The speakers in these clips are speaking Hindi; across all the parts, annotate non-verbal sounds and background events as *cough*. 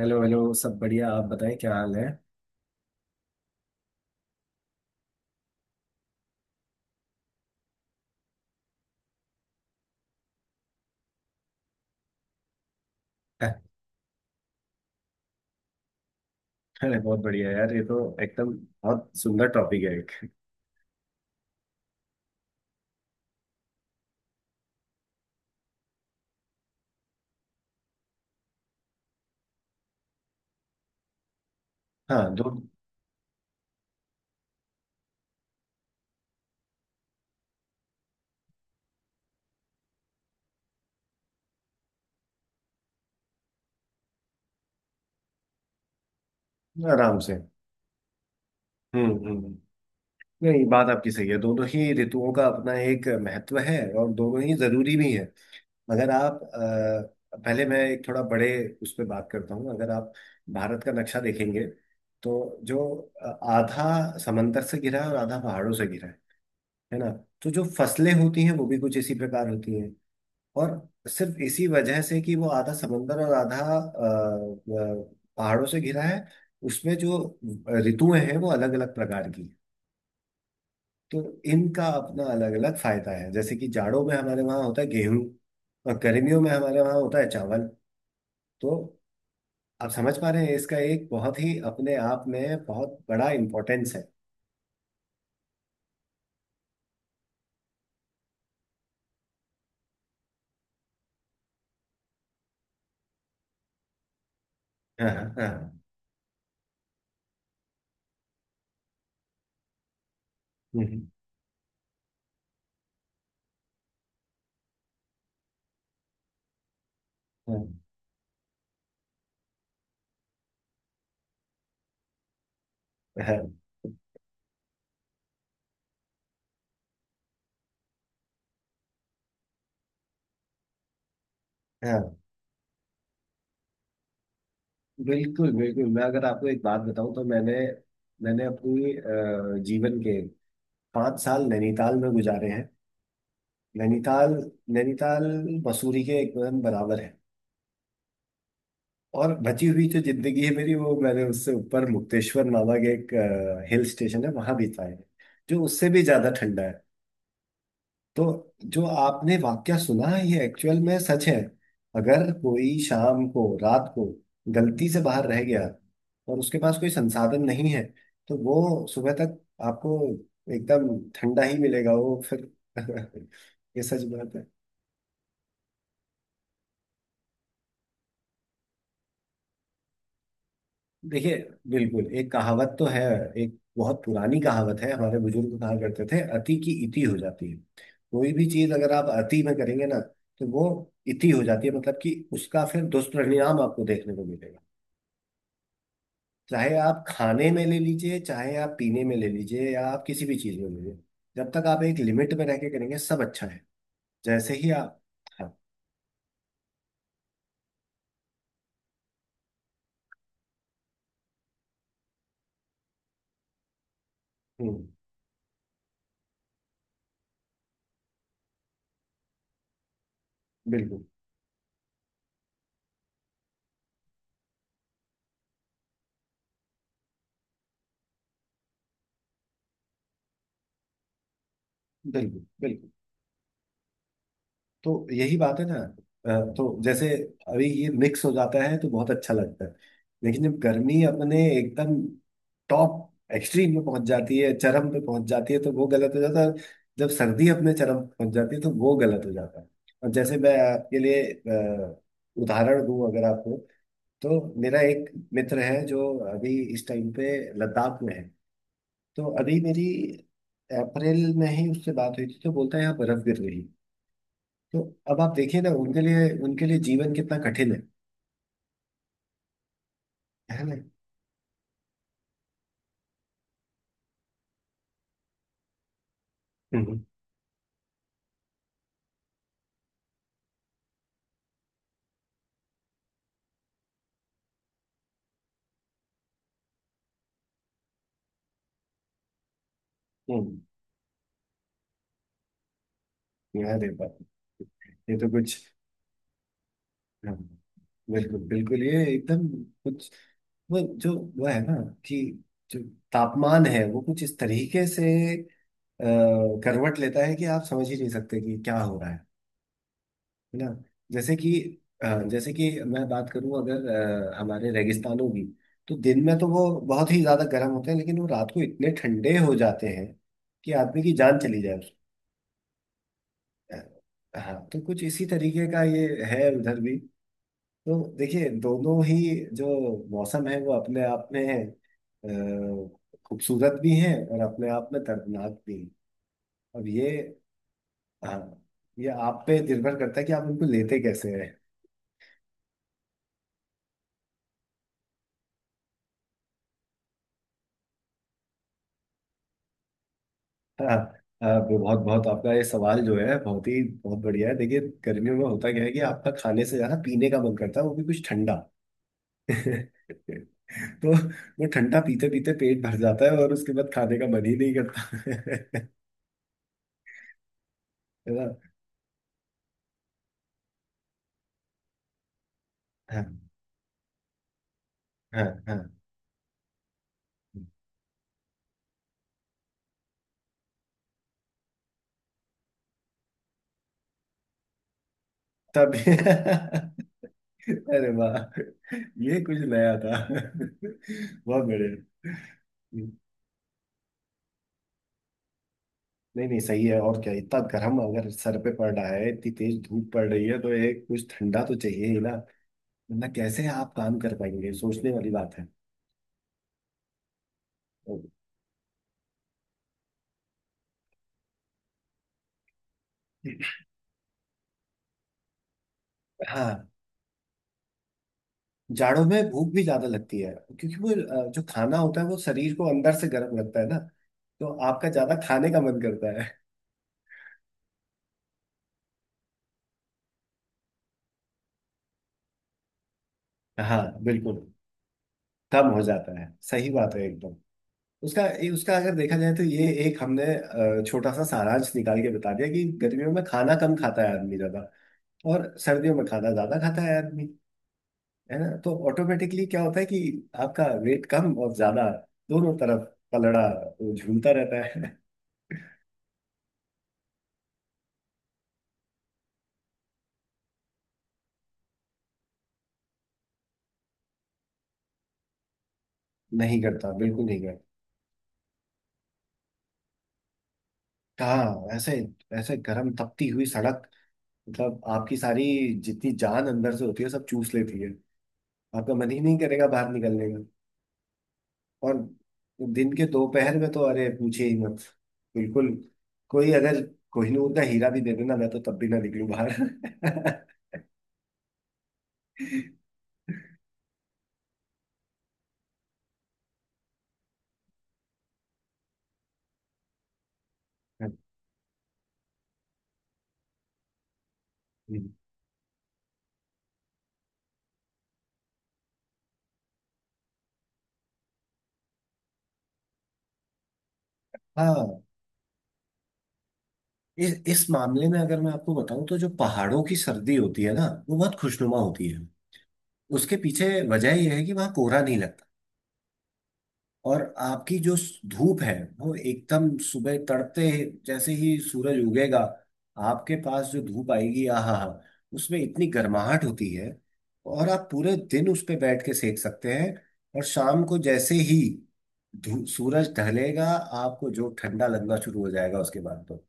हेलो हेलो, सब बढ़िया। आप बताएं, क्या हाल है? *laughs* अरे बहुत बढ़िया यार, ये तो एकदम बहुत सुंदर टॉपिक है। एक हाँ दो आराम से। हम्म हम्म हम्म। नहीं, बात आपकी सही है। दोनों ही ऋतुओं का अपना एक महत्व है और दोनों ही जरूरी भी है। मगर आप, पहले मैं एक थोड़ा बड़े उस पर बात करता हूँ। अगर आप भारत का नक्शा देखेंगे तो जो अ, आधा समंदर से घिरा है और आधा पहाड़ों से घिरा है ना? तो जो फसलें होती हैं वो भी कुछ इसी प्रकार होती हैं। और सिर्फ इसी वजह से कि वो आधा समंदर और आधा अ, पहाड़ों से घिरा है, उसमें जो ऋतुएं हैं वो अलग अलग प्रकार की हैं। तो इनका अपना अलग अलग फायदा है। जैसे कि जाड़ों में हमारे वहाँ होता है गेहूं और गर्मियों में हमारे वहाँ होता है चावल। तो आप समझ पा रहे हैं, इसका एक बहुत ही अपने आप में बहुत बड़ा इम्पोर्टेंस है। हाँ हाँ हाँ। हम्म, हम्म, हाँ हाँ। हाँ, बिल्कुल बिल्कुल। मैं अगर आपको एक बात बताऊं तो मैंने मैंने अपनी जीवन के 5 साल नैनीताल में गुजारे हैं। नैनीताल, नैनीताल मसूरी के एकदम बराबर है। और बची हुई जो जिंदगी है मेरी, वो मैंने उससे ऊपर मुक्तेश्वर नामक एक हिल स्टेशन है वहां बिताई है, जो उससे भी ज्यादा ठंडा है। तो जो आपने वाक्या सुना है ये एक्चुअल में सच है। अगर कोई शाम को रात को गलती से बाहर रह गया और उसके पास कोई संसाधन नहीं है, तो वो सुबह तक आपको एकदम ठंडा ही मिलेगा वो फिर। *laughs* ये सच बात है। देखिए बिल्कुल, एक कहावत तो है। एक बहुत पुरानी कहावत है, हमारे बुजुर्ग कहा करते थे, अति की इति हो जाती है। कोई भी चीज अगर आप अति में करेंगे ना, तो वो इति हो जाती है। मतलब कि उसका फिर दुष्परिणाम आपको देखने को मिलेगा। चाहे आप खाने में ले लीजिए, चाहे आप पीने में ले लीजिए, या आप किसी भी चीज में ले लीजिए, जब तक आप एक लिमिट में रह के करेंगे सब अच्छा है। जैसे ही आप, हाँ। हम्म। बिल्कुल बिल्कुल बिल्कुल। तो यही बात है ना। तो जैसे अभी ये मिक्स हो जाता है तो बहुत अच्छा लगता है। लेकिन जब गर्मी अपने एकदम टॉप एक्सट्रीम में पहुंच जाती है, चरम पे पहुंच जाती है, तो वो गलत हो जाता है। जब सर्दी अपने चरम पे पहुंच जाती है तो वो गलत हो जाता है। और जैसे मैं आपके लिए उदाहरण दूं अगर आपको, तो मेरा एक मित्र है जो अभी इस टाइम पे लद्दाख में है। तो अभी मेरी अप्रैल में ही उससे बात हुई थी, तो बोलता है यहाँ बर्फ गिर रही है। तो अब आप देखिए ना, उनके लिए जीवन कितना कठिन है ना? हम्म हम्म। यार ये बात, ये तो कुछ। हाँ, बिल्कुल बिल्कुल। ये एकदम कुछ वो जो वो है ना, कि जो तापमान है वो कुछ इस तरीके से अ, करवट लेता है कि आप समझ ही नहीं सकते कि क्या हो रहा है ना? जैसे कि जैसे कि मैं बात करूं अगर हमारे रेगिस्तानों की, तो दिन में तो वो बहुत ही ज्यादा गर्म होते हैं, लेकिन वो रात को इतने ठंडे हो जाते हैं कि आदमी की जान चली जाए। हाँ, तो कुछ इसी तरीके का ये है उधर भी। तो देखिए दोनों ही जो मौसम है वो अपने आप में अ, खूबसूरत भी हैं और अपने आप में दर्दनाक भी हैं। अब ये, हाँ, ये आप पे निर्भर करता है कि आप उनको लेते कैसे हैं। हाँ, हाँ, बहुत बहुत आपका ये सवाल जो है बहुत ही बहुत बढ़िया है। देखिए गर्मियों में होता क्या है कि आपका खाने से ज्यादा पीने का मन करता है, वो भी कुछ ठंडा। *laughs* तो वो ठंडा पीते पीते पेट भर जाता है और उसके बाद खाने का मन ही नहीं करता। *laughs* है ना। हाँ हाँ हाँ। तब *laughs* अरे वाह, ये कुछ नया था। *laughs* बहुत बढ़िया। नहीं नहीं, सही है। और क्या, इतना गर्म अगर सर पे पड़ रहा है, इतनी तेज धूप पड़ रही है, तो एक कुछ ठंडा तो चाहिए ही ना। वरना कैसे आप काम कर पाएंगे, सोचने वाली बात है। हाँ, जाड़ों में भूख भी ज्यादा लगती है। क्योंकि वो जो खाना होता है वो शरीर को अंदर से गर्म रखता है ना, तो आपका ज्यादा खाने का मन करता है। हाँ बिल्कुल। कम हो जाता है, सही बात है एकदम। उसका अगर देखा जाए तो ये एक हमने छोटा सा सारांश निकाल के बता दिया कि गर्मियों में खाना कम खाता है आदमी, ज्यादा और सर्दियों में खाना ज्यादा खाता है आदमी। है ना? तो ऑटोमेटिकली क्या होता है कि आपका वेट कम और ज्यादा दोनों तरफ पलड़ा वो झूलता रहता है। *laughs* नहीं करता, बिल्कुल नहीं करता। कहाँ ऐसे ऐसे गर्म तपती हुई सड़क, मतलब आपकी सारी जितनी जान अंदर से होती है सब चूस लेती है। आपका मन ही नहीं करेगा बाहर निकलने का। और दिन के दोपहर में तो अरे पूछे ही मत। बिल्कुल, कोई अगर कोहिनूर का हीरा भी दे देना मैं, तो तब भी ना निकलूं बाहर। *laughs* हाँ, इस मामले में अगर मैं आपको बताऊं, तो जो पहाड़ों की सर्दी होती है ना, वो बहुत खुशनुमा होती है। उसके पीछे वजह यह है कि वहाँ कोहरा नहीं लगता। और आपकी जो धूप है वो एकदम सुबह तड़ते, जैसे ही सूरज उगेगा, आपके पास जो धूप आएगी आहा हा, उसमें इतनी गर्माहट होती है, और आप पूरे दिन उस पे बैठ के सेक सकते हैं। और शाम को जैसे ही सूरज ढलेगा, आपको जो ठंडा लगना शुरू हो जाएगा उसके बाद तो।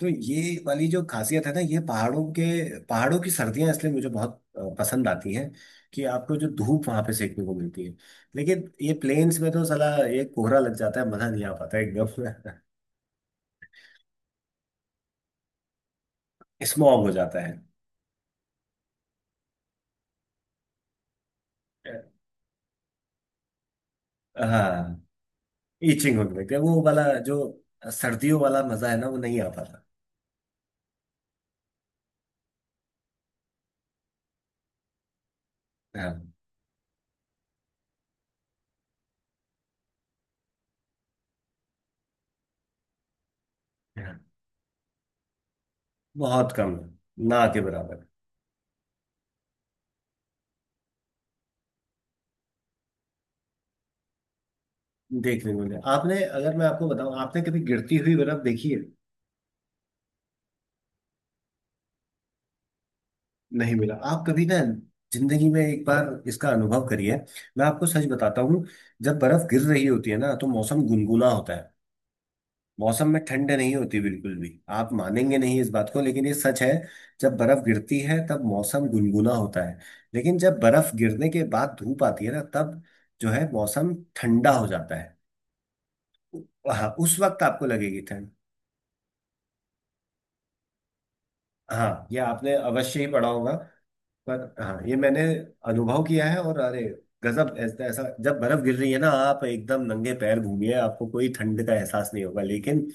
तो ये वाली जो खासियत है ना, ये पहाड़ों की सर्दियां इसलिए मुझे बहुत पसंद आती हैं, कि आपको जो धूप वहां पे सेकने को मिलती है। लेकिन ये प्लेन्स में तो साला ये कोहरा लग जाता है, मजा नहीं आ पाता एकदम। *laughs* स्मॉग हो जाता है। हाँ, ईचिंग होने लगती है। वो वाला जो सर्दियों वाला मजा है ना, वो नहीं आ पाता। हाँ हाँ। बहुत कम है, ना के बराबर। देखने को मिले। आपने, अगर मैं आपको बताऊं, आपने कभी गिरती हुई बर्फ देखी है? नहीं मिला। आप कभी ना जिंदगी में एक बार इसका अनुभव करिए। मैं आपको सच बताता हूँ, जब बर्फ गिर रही होती है ना, तो मौसम गुनगुना होता है। मौसम में ठंड नहीं होती बिल्कुल भी। आप मानेंगे नहीं इस बात को, लेकिन ये सच है। जब बर्फ गिरती है तब मौसम गुनगुना होता है। लेकिन जब बर्फ गिरने के बाद धूप आती है ना, तब जो है मौसम ठंडा हो जाता है। हाँ, उस वक्त आपको लगेगी। हाँ, ये आपने अवश्य ही पढ़ा होगा। पर हाँ, ये मैंने अनुभव किया है। और अरे गजब, ऐसा ऐसा जब बर्फ गिर रही है ना, आप एकदम नंगे पैर घूमिए, आपको कोई ठंड का एहसास नहीं होगा। लेकिन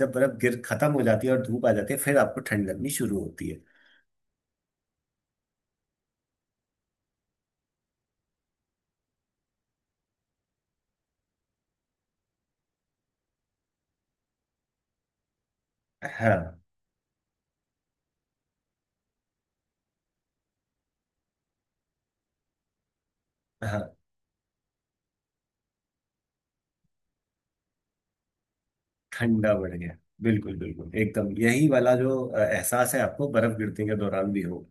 जब बर्फ गिर खत्म हो जाती है और धूप आ जाती है, फिर आपको ठंड लगनी शुरू होती है। हाँ हाँ, ठंडा बढ़ गया। बिल्कुल बिल्कुल, एकदम यही वाला जो एहसास है आपको बर्फ गिरने के दौरान भी हो।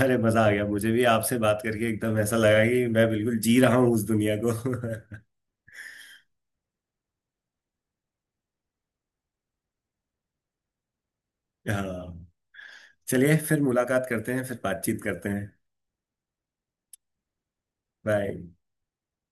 अरे मजा आ गया, मुझे भी आपसे बात करके एकदम ऐसा लगा कि मैं बिल्कुल जी रहा हूँ उस दुनिया को। *laughs* हाँ, चलिए फिर मुलाकात करते हैं, फिर बातचीत करते हैं। बाय।